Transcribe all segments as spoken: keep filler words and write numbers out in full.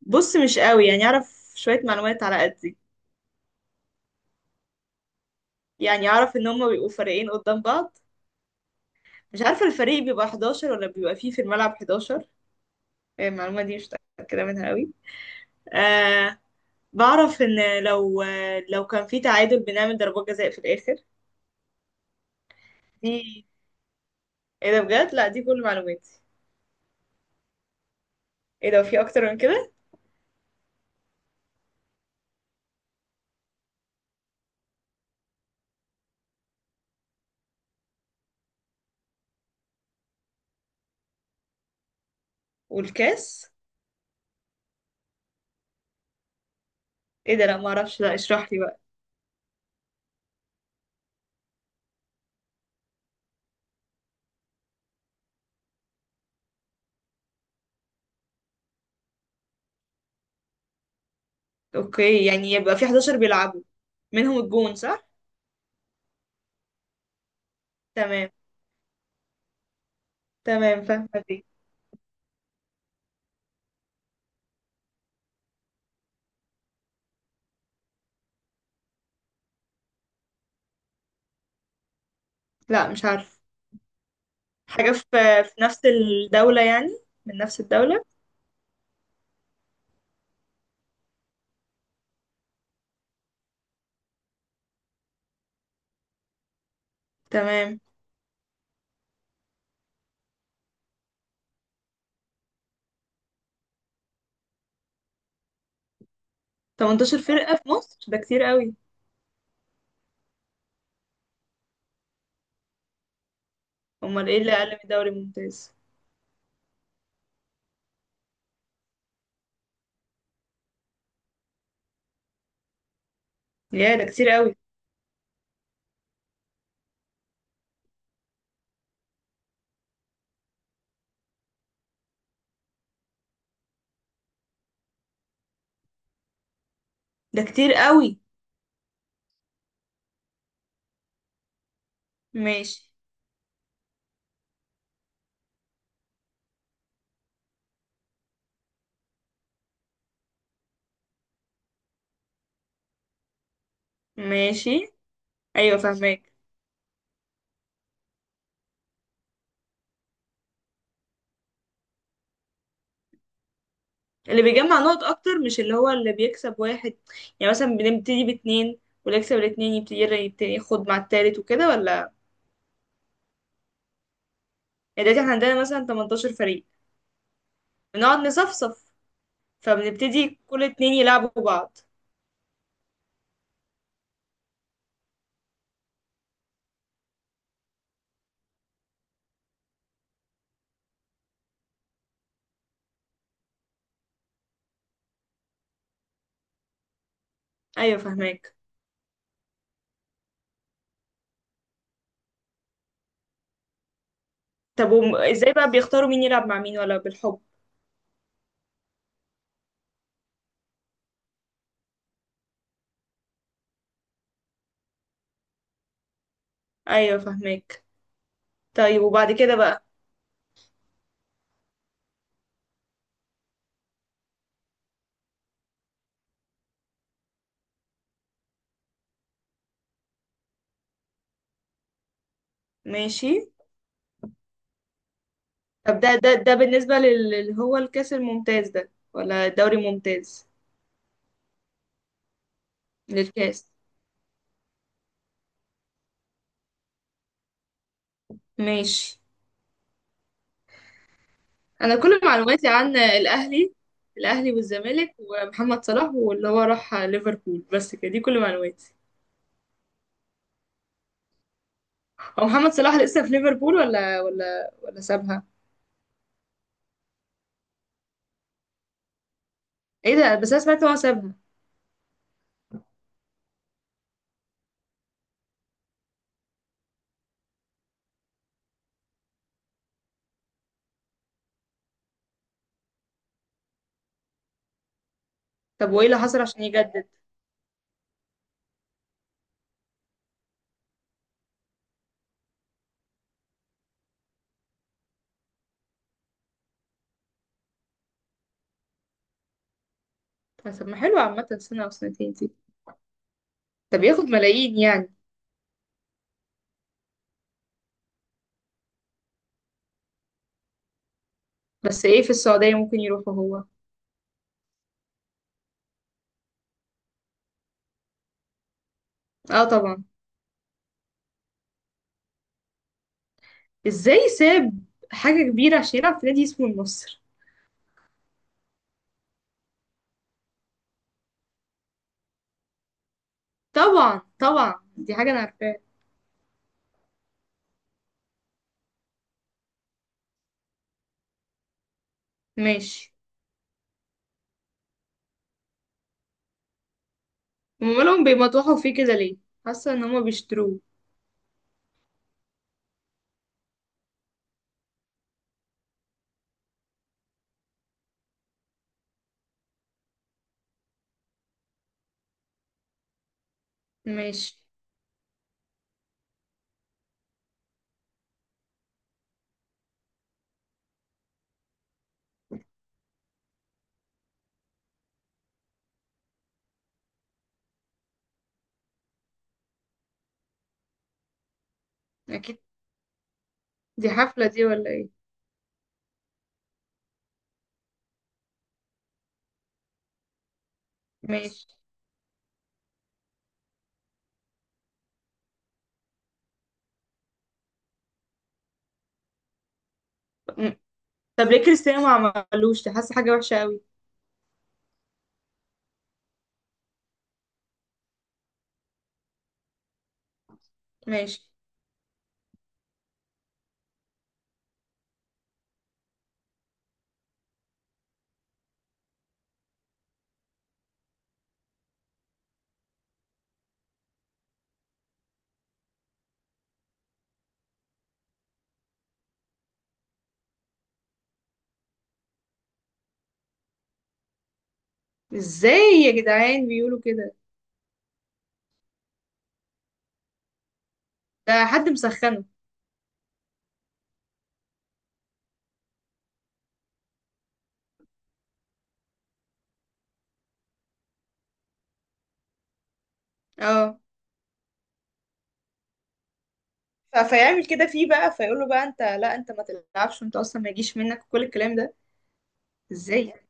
بص، مش قوي. يعني اعرف شوية معلومات على قدي. يعني اعرف ان هما بيبقوا فريقين قدام بعض. مش عارفة الفريق بيبقى حداشر ولا بيبقى فيه في الملعب حداشر. المعلومة دي مش متأكدة منها قوي. آه. بعرف ان لو آه، لو كان في تعادل بنعمل ضربات جزاء في الاخر. دي ايه ده بجد؟ لا، دي كل معلوماتي. ايه ده؟ في اكتر من كده؟ والكاس. ايه ده؟ لا، ما اعرفش. لا، اشرح لي بقى. اوكي. يعني يبقى في حداشر بيلعبوا، منهم الجون، صح؟ تمام. تمام، فاهمة دي. لا، مش عارفة. حاجة في في نفس الدولة يعني؟ من نفس الدولة. تمام. تمنتاشر فرقة في مصر؟ ده كتير قوي. امال ايه اللي اقل من الدوري الممتاز؟ يا، ده كتير قوي. ده كتير قوي. ماشي. ماشي. ايوه، فاهمك. اللي بيجمع نقط اكتر مش اللي هو اللي بيكسب واحد؟ يعني مثلا بنبتدي باتنين، واللي يكسب الاتنين يبتدي يبتدي ياخد مع التالت وكده، ولا؟ يعني دلوقتي احنا عندنا مثلا تمنتاشر فريق، بنقعد نصفصف، فبنبتدي كل اتنين يلعبوا بعض. ايوه، فاهمك. طب وم- ازاي بقى بيختاروا مين يلعب مع مين، ولا بالحب؟ ايوه، فهمك. طيب، وبعد كده بقى؟ ماشي. طب ده ده ده بالنسبة لل- اللي هو الكاس الممتاز ده، ولا الدوري الممتاز؟ للكاس. ماشي. انا كل معلوماتي عن الاهلي. الاهلي والزمالك ومحمد صلاح واللي هو راح ليفربول. بس كده، دي كل معلوماتي. هو محمد صلاح لسه في ليفربول، ولا ولا ولا سابها؟ ايه ده؟ بس انا سمعت إن هو سابها. طب وايه اللي حصل عشان يجدد؟ طب، ما حلو عامة سنة او سنتين. ده بياخد ملايين يعني. بس ايه، في السعودية ممكن يروحوا هو؟ اه، طبعا. ازاي ساب حاجة كبيرة عشان يلعب في نادي اسمه النصر؟ طبعا طبعا، دي حاجة انا عارفاها. ماشي. امالهم بيمطوحوا فيه كده ليه؟ حاسة ان هما بيشتروه. ماشي. اكيد. دي حفلة دي ولا ايه؟ ماشي. م- طب ليه كريستيانو ما عملوش ده؟ حاسة حاجة وحشة قوي. ماشي. ازاي؟ يا جدعان، بيقولوا كده؟ ده حد مسخنه. اه. ف- فيعمل كده فيه بقى؟ فيقول له بقى: انت لا، انت ما تلعبش، وانت اصلا ما يجيش منك كل الكلام ده؟ ازاي يعني؟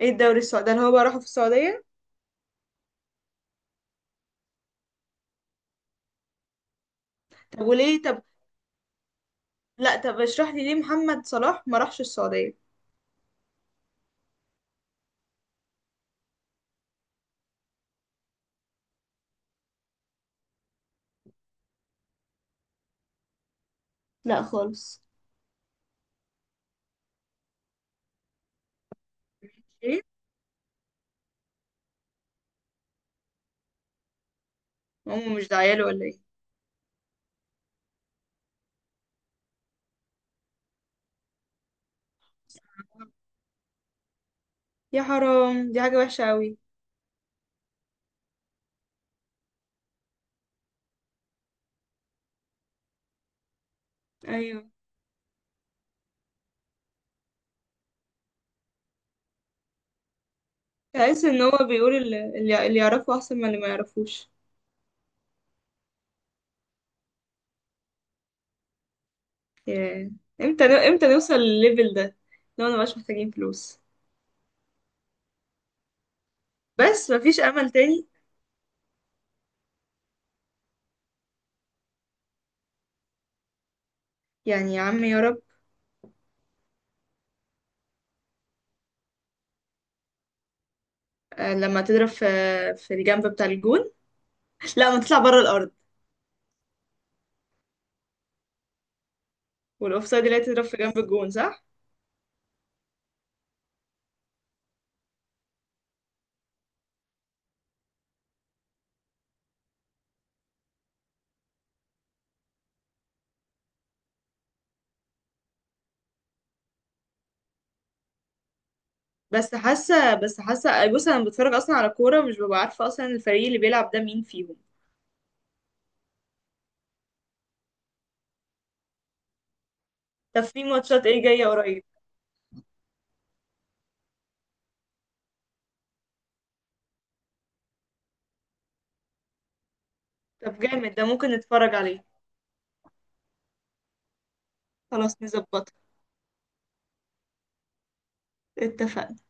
ايه الدوري السعودي ده اللي هو بقى راحوا في السعوديه؟ طب وليه طب لا، طب اشرح لي ليه محمد صلاح ما راحش السعوديه. لا خالص. ايه؟ هم مش داعيه له ولا ايه؟ يا حرام، دي حاجه وحشه قوي. ايوه. تحس ان هو بيقول اللي، اللي اللي يعرفه احسن من اللي ما يعرفوش. ياه. امتى نو... امتى نوصل للليفل ده؟ لو ما بقاش محتاجين فلوس. بس مفيش امل تاني؟ يعني يا عم، يا رب. آه، لما تضرب في في الجنب بتاع الجون. لا، ما تطلع بره الارض. والاوفسايد اللي هي تضرب في جنب الجون، صح؟ بس حاسه بس حاسه آه، بص، انا بتفرج اصلا على كوره مش ببقى عارفه اصلا الفريق اللي بيلعب ده مين فيهم. طب، في ماتشات ايه جايه قريب؟ طب جامد، ده ممكن نتفرج عليه؟ خلاص نظبطها. اتفقنا.